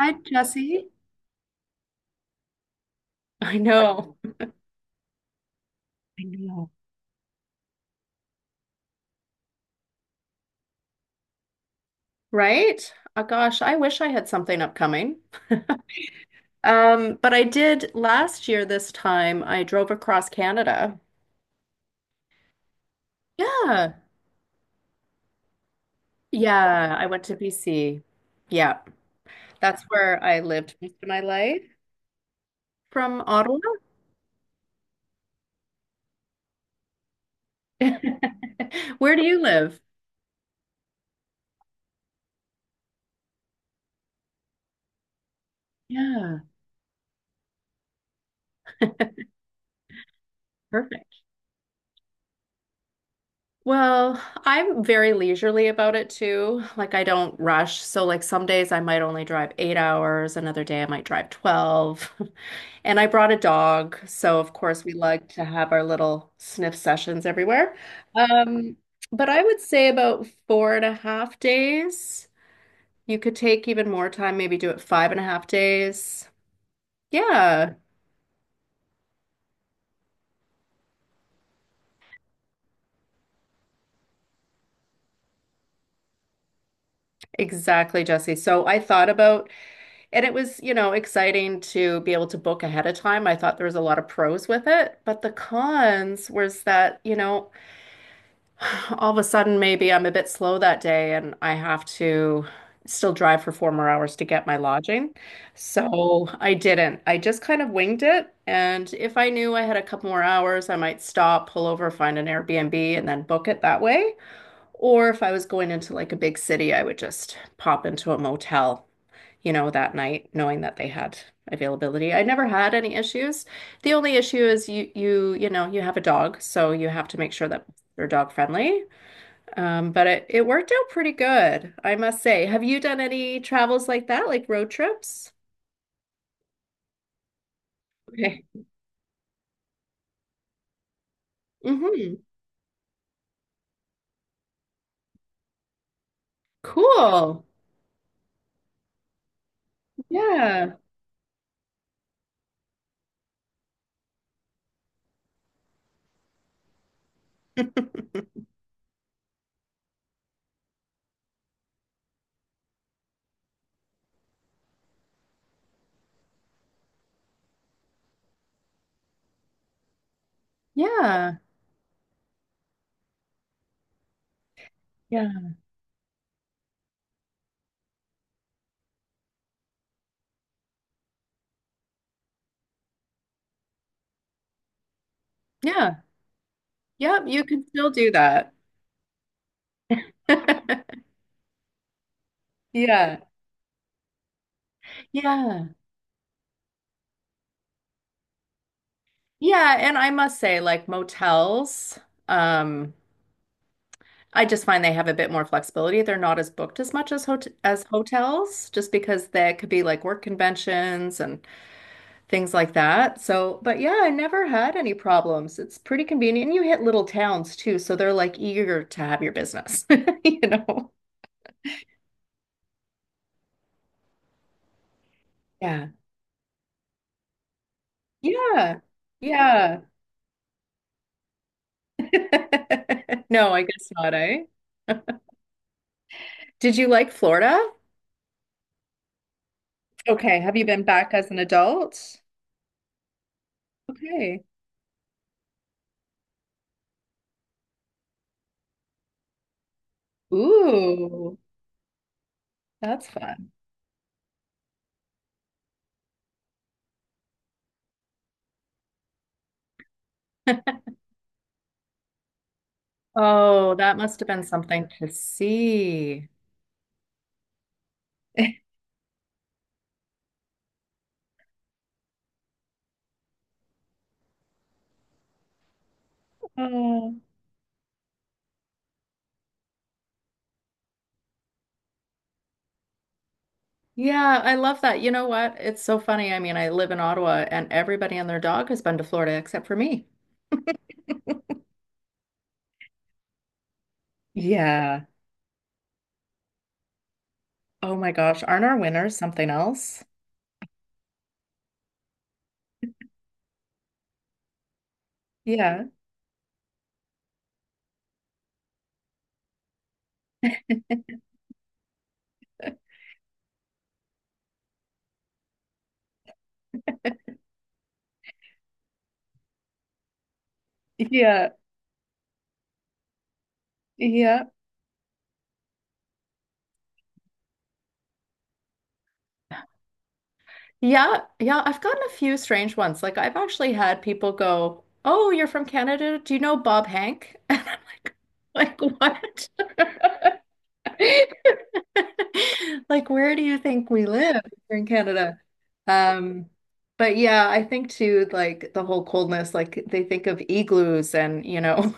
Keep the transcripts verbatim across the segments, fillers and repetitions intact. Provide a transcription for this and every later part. Hi, Jesse. I know, right? Oh, gosh, I wish I had something upcoming. Um, but I did last year this time. I drove across Canada. Yeah. Yeah, I went to B C. Yeah. That's where I lived most of my life, from Ottawa. Where do you live? Yeah, perfect. Well, I'm very leisurely about it too. Like I don't rush. So like some days I might only drive eight hours, another day I might drive twelve. And I brought a dog, so of course we like to have our little sniff sessions everywhere. Um, but I would say about four and a half days. You could take even more time, maybe do it five and a half days. Yeah, exactly, Jesse. So I thought about, and it was, you know, exciting to be able to book ahead of time. I thought there was a lot of pros with it, but the cons was that, you know, all of a sudden maybe I'm a bit slow that day and I have to still drive for four more hours to get my lodging. So I didn't. I just kind of winged it. And if I knew I had a couple more hours, I might stop, pull over, find an Airbnb, and then book it that way. Or if I was going into like a big city, I would just pop into a motel, you know, that night, knowing that they had availability. I never had any issues. The only issue is you you you know, you have a dog, so you have to make sure that they're dog friendly. Um, but it, it worked out pretty good, I must say. Have you done any travels like that, like road trips? Okay. Mm-hmm. Cool. Yeah. Yeah. Yeah. Yeah. Yep, you can still do that. Yeah. Yeah. Yeah, and I must say, like motels, um, I just find they have a bit more flexibility. They're not as booked as much as hot as hotels, just because there could be like work conventions and things like that. So, but yeah, I never had any problems. It's pretty convenient. And you hit little towns too, so they're like eager to have your business, you know? Yeah. Yeah. Yeah. No, I guess not, eh? Did you like Florida? Okay. Have you been back as an adult? Okay. Ooh, that's fun. Oh, that must have been something to see. Oh. Yeah, I love that. You know what? It's so funny. I mean, I live in Ottawa and everybody and their dog has been to Florida except for me. Yeah. Oh my gosh. Aren't our winners something else? Yeah. Yeah. Yeah. Yeah. Yeah. I've gotten a few strange ones. Like, I've actually had people go, "Oh, you're from Canada. Do you know Bob Hank?" Like, what? Like, where do you think we live here in Canada? Um, but yeah, I think too, like the whole coldness, like they think of igloos and, you know,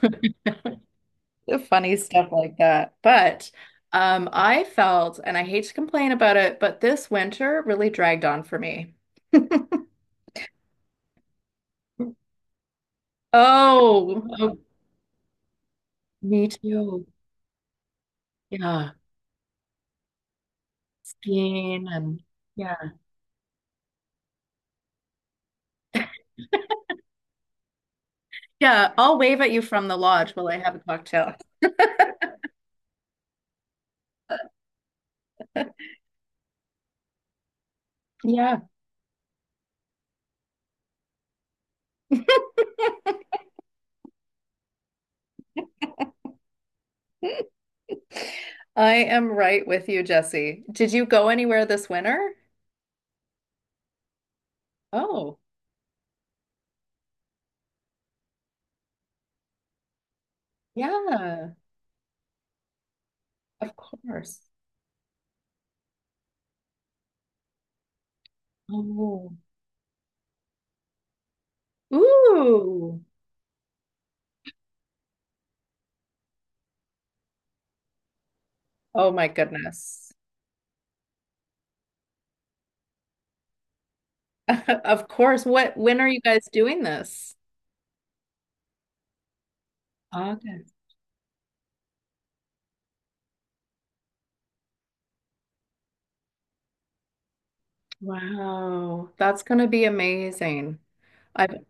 funny stuff like that. But um, I felt, and I hate to complain about it, but this winter really dragged on for me. Oh, oh, me too. Yeah, skiing and yeah. Yeah, I'll wave at you from the lodge while I have a cocktail. Yeah. I am right with you, Jesse. Did you go anywhere this winter? Oh, yeah, of course. Oh. Ooh. Oh my goodness. Of course. What, when are you guys doing this? August. Wow, that's gonna be amazing. I've,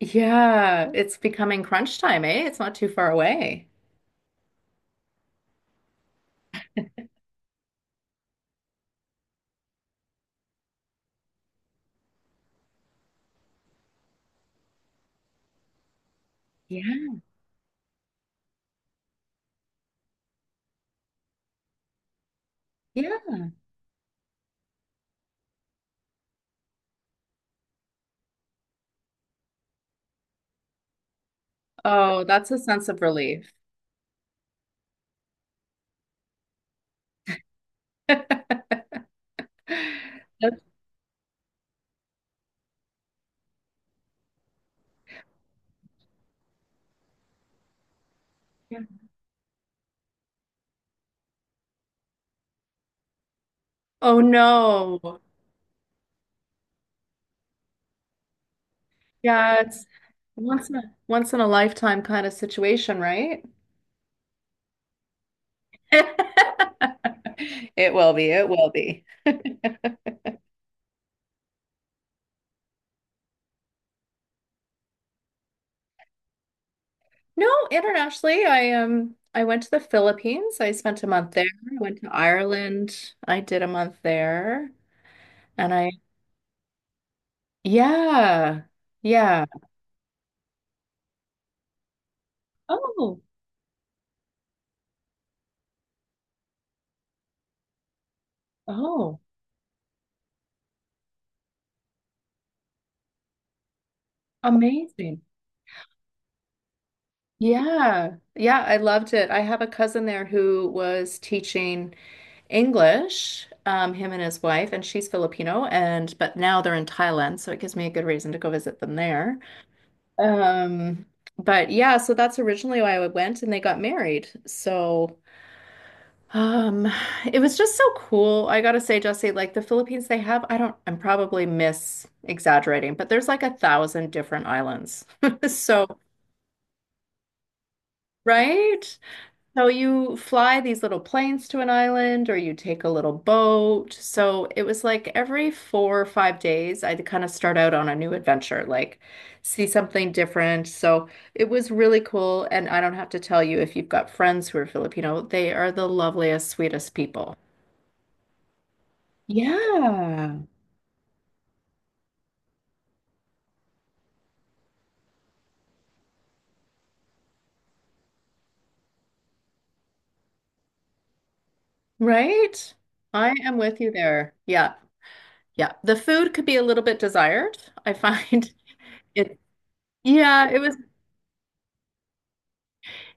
yeah, it's becoming crunch time, eh? It's not too far away. Yeah. Yeah. Oh, that's a sense of relief. That's- yeah. Oh no. Yeah, it's once in a once in a lifetime kind of situation, right? It will be. It will be. No, internationally, I um I went to the Philippines. I spent a month there. I went to Ireland. I did a month there. And I yeah. Yeah. Oh, oh, amazing. Yeah. Yeah, I loved it. I have a cousin there who was teaching English, um, him and his wife, and she's Filipino, and but now they're in Thailand, so it gives me a good reason to go visit them there. Um, but yeah, so that's originally why I went, and they got married. So um, it was just so cool. I gotta say, Jesse, like the Philippines, they have, I don't, I'm probably mis exaggerating, but there's like a thousand different islands. So, right? So you fly these little planes to an island or you take a little boat. So it was like every four or five days, I'd kind of start out on a new adventure, like see something different. So it was really cool. And I don't have to tell you if you've got friends who are Filipino, they are the loveliest, sweetest people. Yeah, right? I am with you there. Yeah, yeah. The food could be a little bit desired, I find. It, yeah, it was.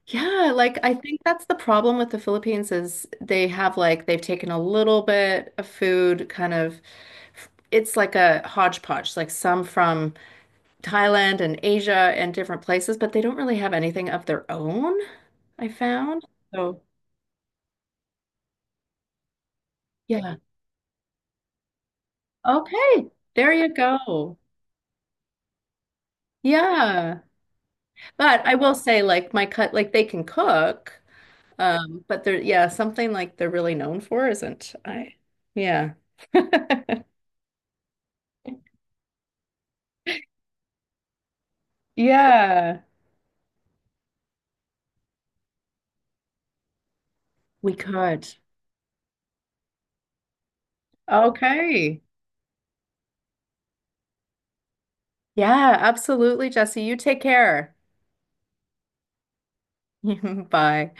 Yeah, like I think that's the problem with the Philippines is they have like they've taken a little bit of food kind of it's like a hodgepodge, like some from Thailand and Asia and different places, but they don't really have anything of their own, I found. So, yeah. Okay. There you go. Yeah. But I will say like my cut like they can cook, um, but they're yeah, something like they're really known for isn't I. Yeah. Yeah. We could. Okay. Yeah, absolutely, Jesse. You take care. Bye.